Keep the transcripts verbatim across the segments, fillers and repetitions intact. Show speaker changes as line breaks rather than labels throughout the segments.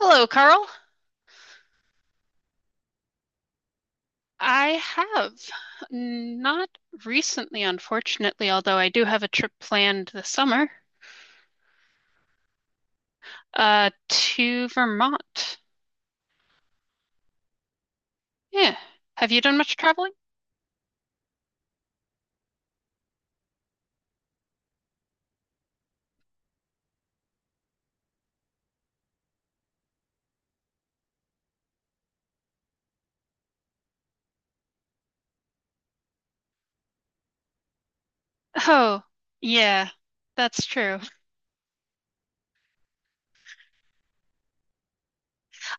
Hello, Carl. I have not recently, unfortunately, although I do have a trip planned this summer, uh, to Vermont. Yeah. Have you done much traveling? Oh, yeah, that's true.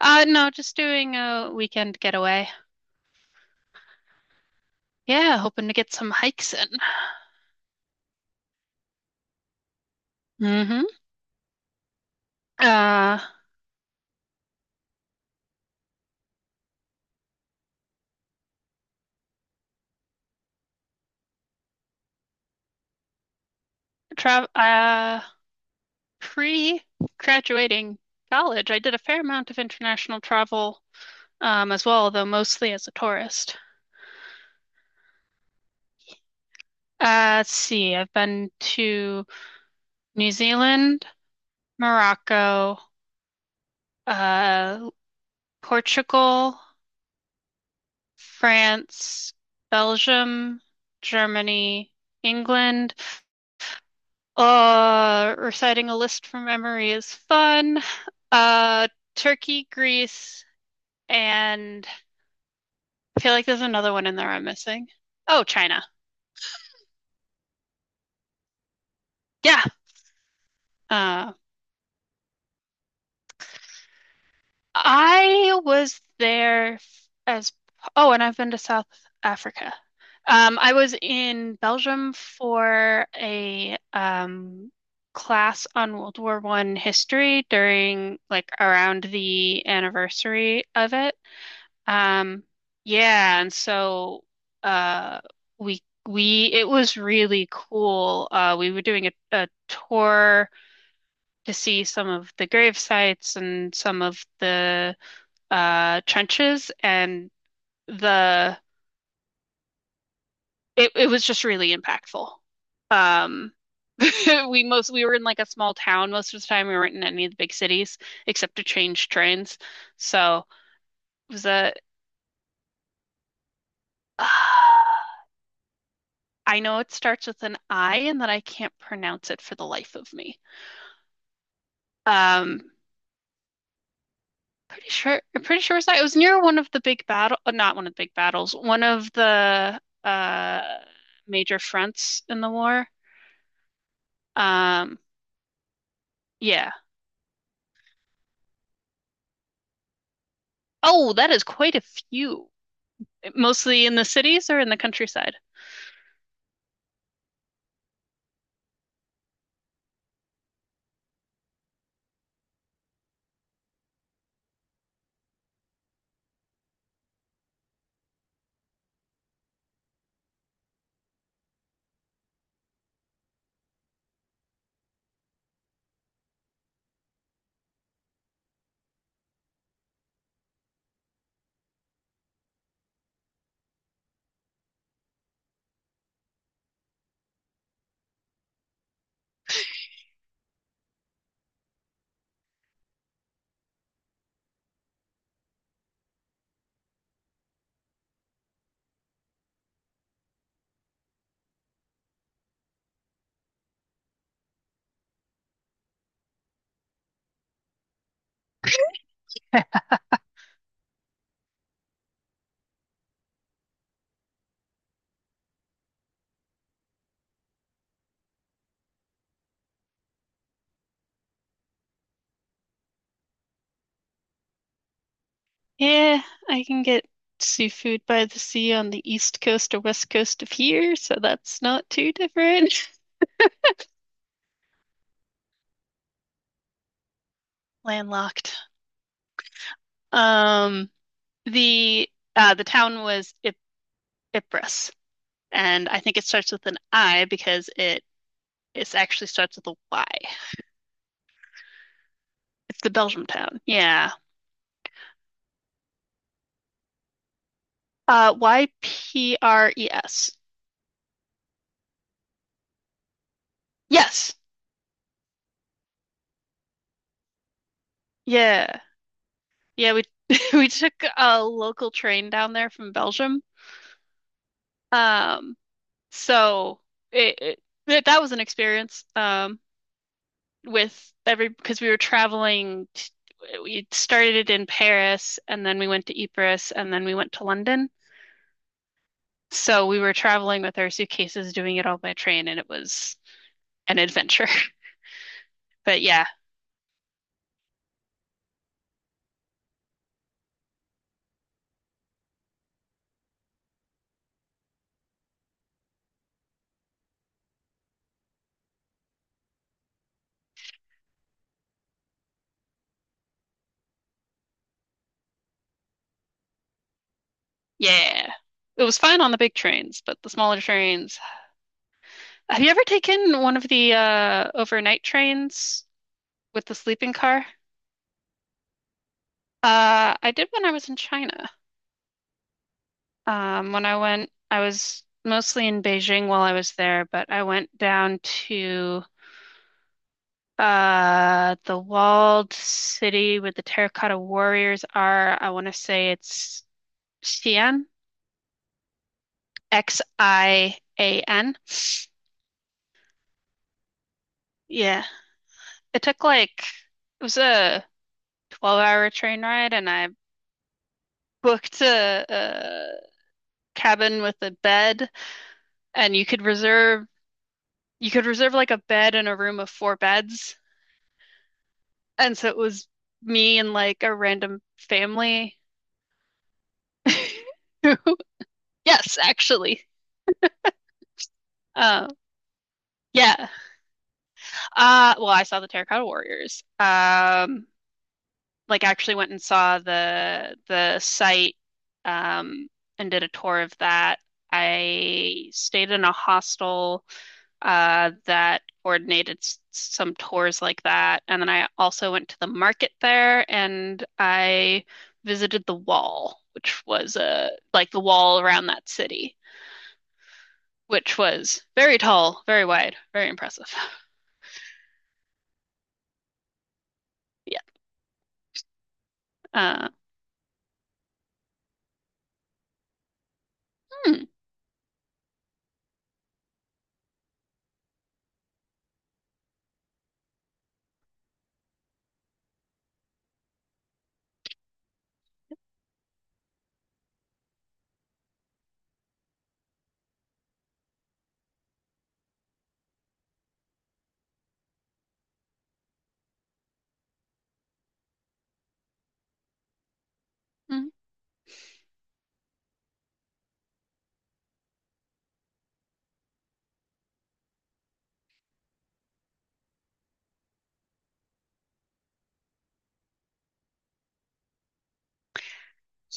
Uh, no, just doing a weekend getaway. Yeah, hoping to get some hikes in. Mm-hmm. Uh, tra uh, Pre-graduating college, I did a fair amount of international travel, um, as well, though mostly as a tourist. Uh, let's see. I've been to New Zealand, Morocco, uh, Portugal, France, Belgium, Germany, England. Uh, reciting a list from memory is fun. Uh, Turkey, Greece, and I feel like there's another one in there I'm missing. Oh, China. Yeah. Uh, I was there f- as oh, and I've been to South Africa. Um, I was in Belgium for a um, class on World War One history during like around the anniversary of it. Um, yeah, and so uh, we we it was really cool. Uh, we were doing a, a tour to see some of the grave sites and some of the uh, trenches, and the it, it was just really impactful. Um, we most we were in like a small town most of the time. We weren't in any of the big cities except to change trains. So it was a Uh, I know it starts with an I and that I can't pronounce it for the life of me. Um, pretty sure I'm pretty sure it was it was near one of the big battle uh, not one of the big battles, one of the uh major fronts in the war. Um, yeah. Oh, that is quite a few. Mostly in the cities or in the countryside? Yeah, I can get seafood by the sea on the east coast or west coast of here, so that's not too different. Landlocked. Um, the uh the town was Ip Ypres, and I think it starts with an I because it it actually starts with a Y. It's the Belgium town. Yeah. Uh, Y P R E S. Yes. Yeah. Yeah, we we took a local train down there from Belgium. Um, so it, it That that was an experience um with every because we were traveling t we started in Paris and then we went to Ypres and then we went to London. So we were traveling with our suitcases doing it all by train, and it was an adventure. But yeah, yeah. It was fine on the big trains, but the smaller trains. Have you ever taken one of the uh overnight trains with the sleeping car? Uh, I did when I was in China. Um, when I went, I was mostly in Beijing while I was there, but I went down to uh, the walled city where the terracotta warriors are. I want to say it's Xi'an, X I A N. Yeah, it took like it was a twelve-hour train ride, and I booked a, a cabin with a bed, and you could reserve you could reserve like a bed in a room of four beds. And so it was me and like a random family. Yes, actually. Uh, yeah. Uh, well, I saw the Terracotta Warriors. Um, like actually went and saw the the site um and did a tour of that. I stayed in a hostel uh, that coordinated s- some tours like that. And then I also went to the market there, and I visited the wall, which was uh, like the wall around that city, which was very tall, very wide, very impressive. Yeah. Uh, hmm. Hmm.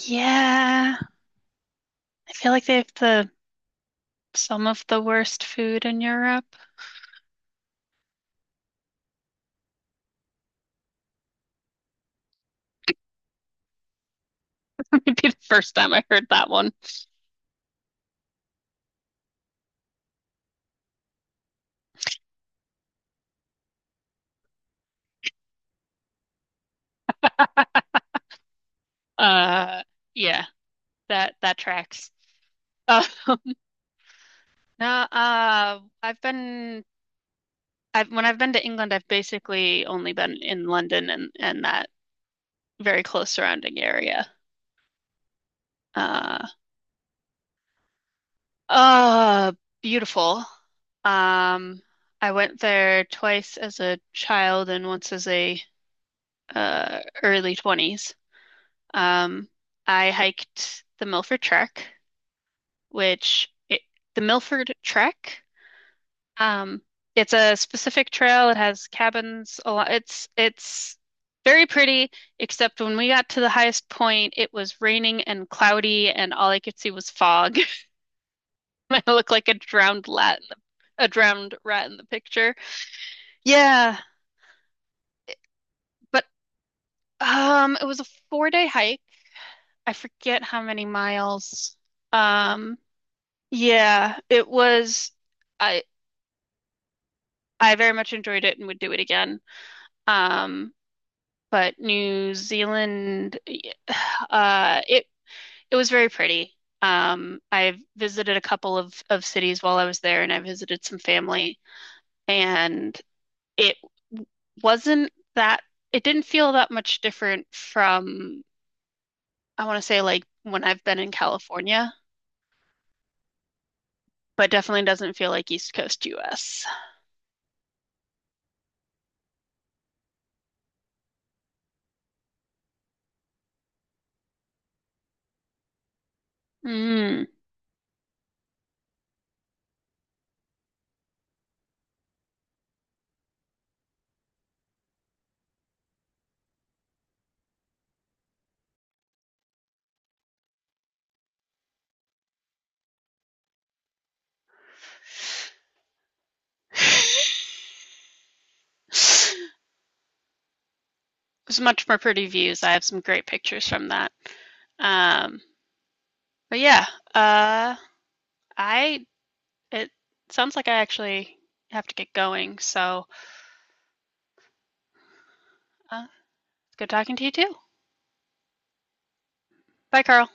Yeah. I feel like they have the some of the worst food in Europe. Maybe the first time I heard that one. Uh, yeah, that that tracks. Uh, no, uh, I've been I've when I've been to England, I've basically only been in London and and that very close surrounding area. Uh, uh, Beautiful. Um, I went there twice as a child and once as a uh early twenties. Um, I hiked the Milford Trek, which it, the Milford Trek. Um, it's a specific trail. It has cabins a lot. It's it's very pretty, except when we got to the highest point, it was raining and cloudy, and all I could see was fog. I looked like a drowned rat, a drowned rat in the picture. Yeah, but um, it was a four day hike. I forget how many miles. Um, yeah, it was. I I very much enjoyed it and would do it again. Um, But New Zealand, uh, it it was very pretty. Um, I visited a couple of of cities while I was there, and I visited some family, and it wasn't that. It didn't feel that much different from, I want to say, like when I've been in California, but definitely doesn't feel like East Coast U S. Mm. It was much more pretty views. I have some great pictures from that. Um, but yeah, uh, I it sounds like I actually have to get going, so uh, good talking to you too. Bye, Carl.